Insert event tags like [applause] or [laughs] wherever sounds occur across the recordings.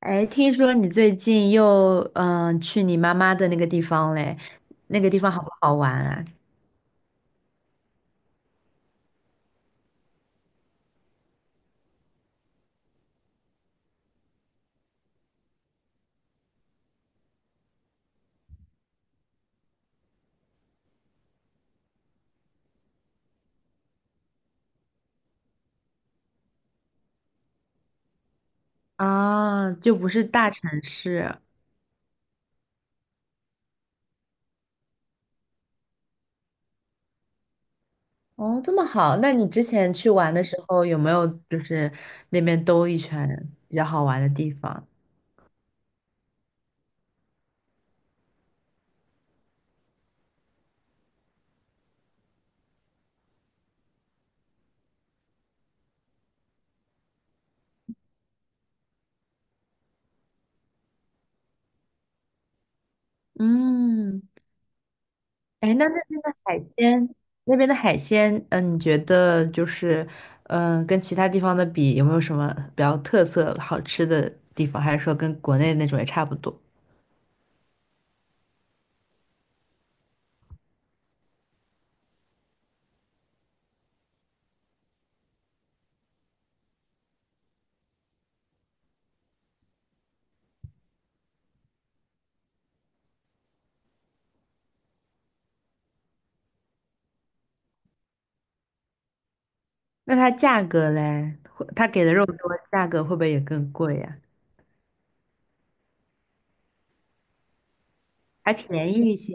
哎，听说你最近又去你妈妈的那个地方嘞，那个地方好不好玩啊？啊，就不是大城市哦，这么好。那你之前去玩的时候有没有就是那边兜一圈比较好玩的地方？嗯，哎，那那边的海鲜，你觉得就是跟其他地方的比，有没有什么比较特色好吃的地方，还是说跟国内那种也差不多？那它价格嘞，会它给的肉多，价格会不会也更贵呀、还便宜一些，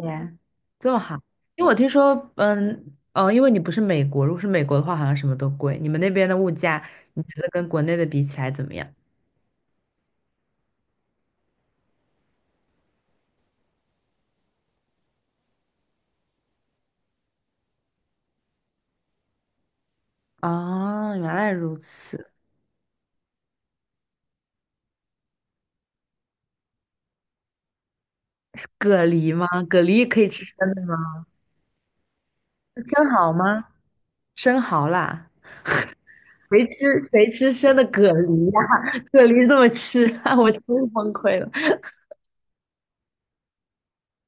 这么好？因为我听说，哦，因为你不是美国，如果是美国的话，好像什么都贵。你们那边的物价，你觉得跟国内的比起来怎么样？哦，原来如此。蛤蜊吗？蛤蜊也可以吃生的吗？是生蚝吗？生蚝啦，谁吃谁吃生的蛤蜊呀、[laughs] 蛤蜊这么吃，[laughs] 我真是崩溃了。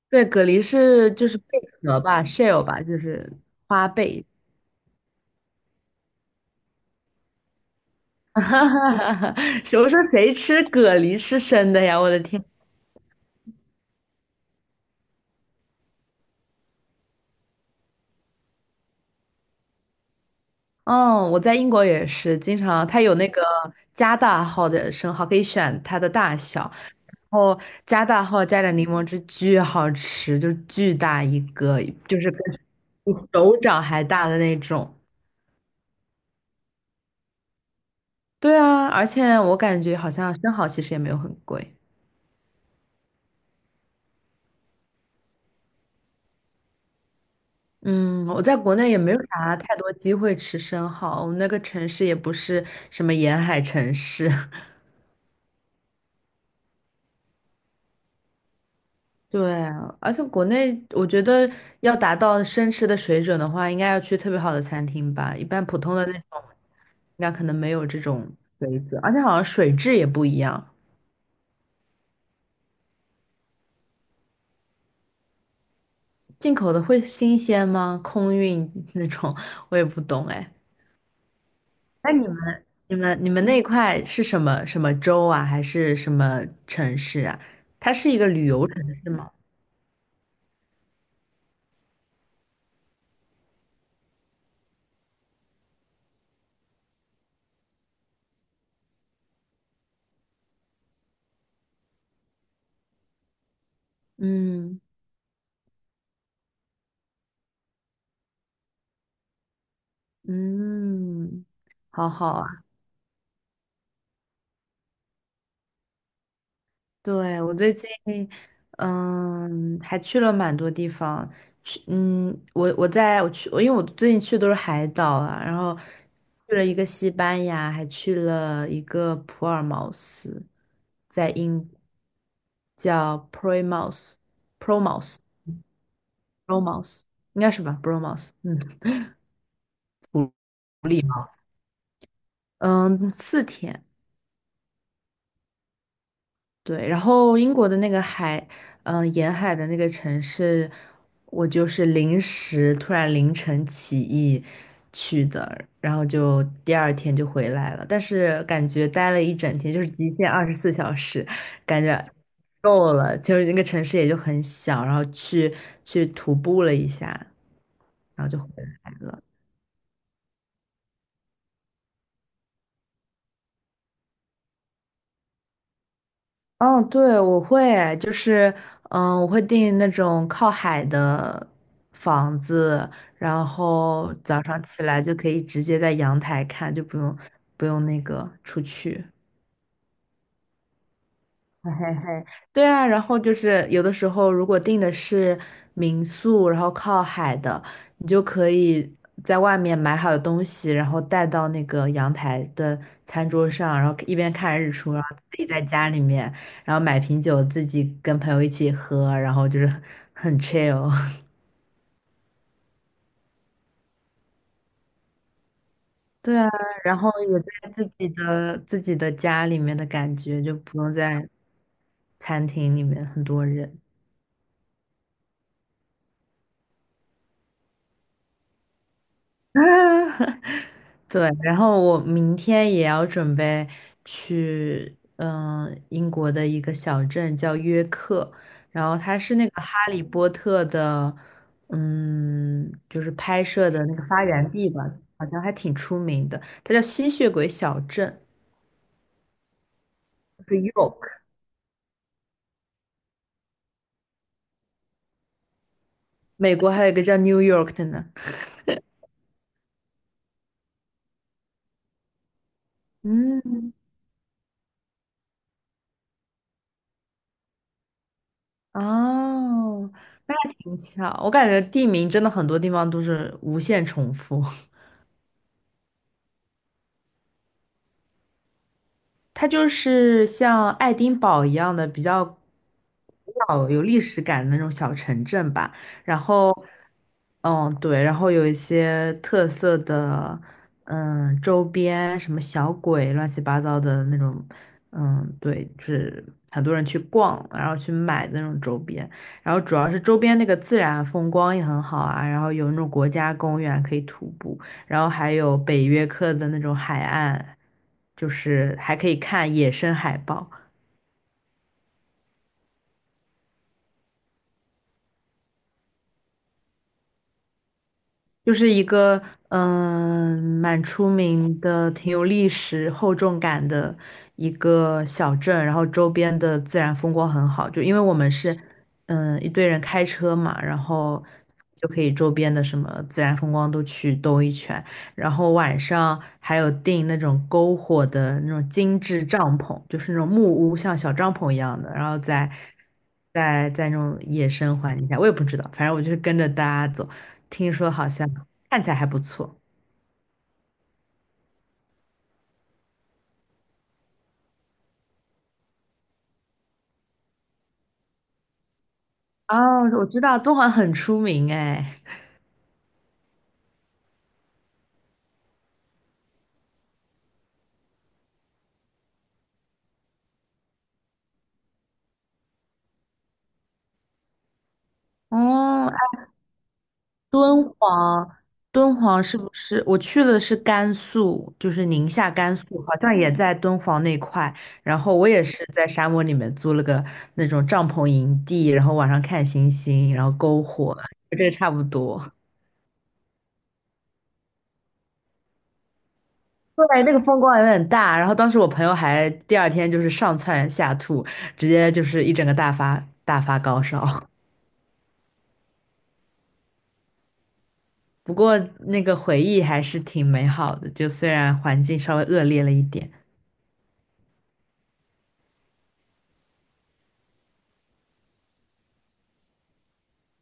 对，蛤蜊是就是贝壳吧，shell 吧，就是花贝。[laughs] 我说谁吃蛤蜊吃生的呀？我的天！嗯，我在英国也是，经常它有那个加大号的生蚝，可以选它的大小，然后加大号加点柠檬汁，巨好吃，就是巨大一个，就是跟比手掌还大的那种。对啊，而且我感觉好像生蚝其实也没有很贵。嗯，我在国内也没有啥太多机会吃生蚝，我们那个城市也不是什么沿海城市。[laughs] 对啊，而且国内我觉得要达到生吃的水准的话，应该要去特别好的餐厅吧，一般普通的那种，那可能没有这种水准，而且好像水质也不一样，进口的会新鲜吗？空运那种，我也不懂哎。那你们那一块是什么什么州啊，还是什么城市啊？它是一个旅游城市吗？嗯嗯，好好啊。对，我最近，还去了蛮多地方。去，我在我去，因为我最近去的都是海岛啊，然后去了一个西班牙，还去了一个普尔茅斯，在英叫 p o r t i m a o p o r t i m a Bromos 应该是吧，Bromos,嗯，4天，对，然后英国的那个海，沿海的那个城市，我就是临时突然凌晨起意去的，然后就第二天就回来了，但是感觉待了一整天，就是极限24小时，感觉够了，就是那个城市也就很小，然后去徒步了一下，然后就回来了。嗯，对，我会，就是，我会订那种靠海的房子，然后早上起来就可以直接在阳台看，就不用那个出去。[laughs] 嘿嘿嘿，对啊，然后就是有的时候，如果订的是民宿，然后靠海的，你就可以在外面买好的东西，然后带到那个阳台的餐桌上，然后一边看日出，然后自己在家里面，然后买瓶酒，自己跟朋友一起喝，然后就是 [laughs] 很 chill。[laughs] 对啊，然后也在自己的家里面的感觉，就不用在餐厅里面很多人。[laughs] 对，然后我明天也要准备去，英国的一个小镇叫约克，然后它是那个《哈利波特》的，就是拍摄的那个发源地吧，好像还挺出名的，它叫吸血鬼小镇，就是 York。美国还有一个叫 New York 的呢。嗯，哦，那还挺巧，我感觉地名真的很多地方都是无限重复。它就是像爱丁堡一样的比较古老、有历史感的那种小城镇吧。然后，对，然后有一些特色的，周边什么小鬼、乱七八糟的那种，对，就是很多人去逛，然后去买的那种周边。然后主要是周边那个自然风光也很好啊，然后有那种国家公园可以徒步。然后还有北约克的那种海岸，就是还可以看野生海豹。就是一个蛮出名的、挺有历史厚重感的一个小镇，然后周边的自然风光很好。就因为我们是一堆人开车嘛，然后就可以周边的什么自然风光都去兜一圈，然后晚上还有订那种篝火的那种精致帐篷，就是那种木屋，像小帐篷一样的，然后在那种野生环境下，我也不知道，反正我就是跟着大家走。听说好像看起来还不错。哦，我知道敦煌很出名哎。哦，哎敦煌，敦煌是不是？我去的是甘肃，就是宁夏、甘肃，好像也在敦煌那块。然后我也是在沙漠里面租了个那种帐篷营地，然后晚上看星星，然后篝火，就这差不多。对，那个风光有点大。然后当时我朋友还第二天就是上蹿下吐，直接就是一整个大发大发高烧。不过那个回忆还是挺美好的，就虽然环境稍微恶劣了一点，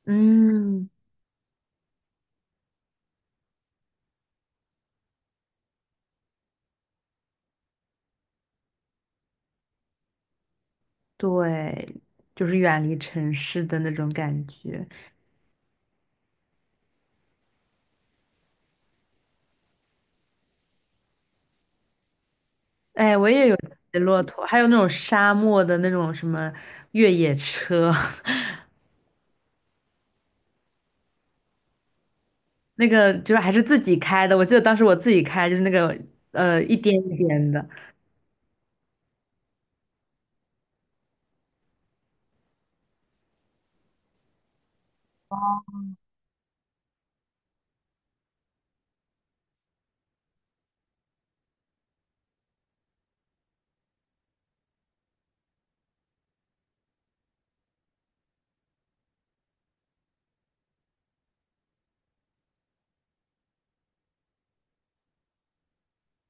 嗯，对，就是远离城市的那种感觉。哎，我也有骑骆驼，还有那种沙漠的那种什么越野车，[laughs] 那个就是还是自己开的。我记得当时我自己开，就是那个一颠一颠的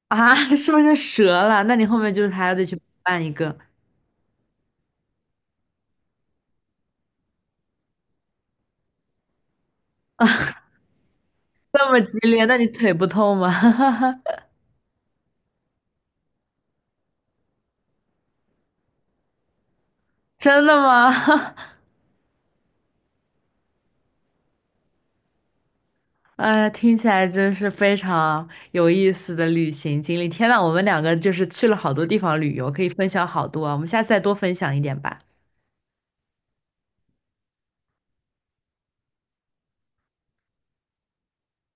啊，[laughs] 是不是折了？那你后面就是还要再去办一个，这么激烈，那你腿不痛吗？[laughs] 真的吗？[laughs] 听起来真是非常有意思的旅行经历。天呐，我们两个就是去了好多地方旅游，可以分享好多啊。我们下次再多分享一点吧。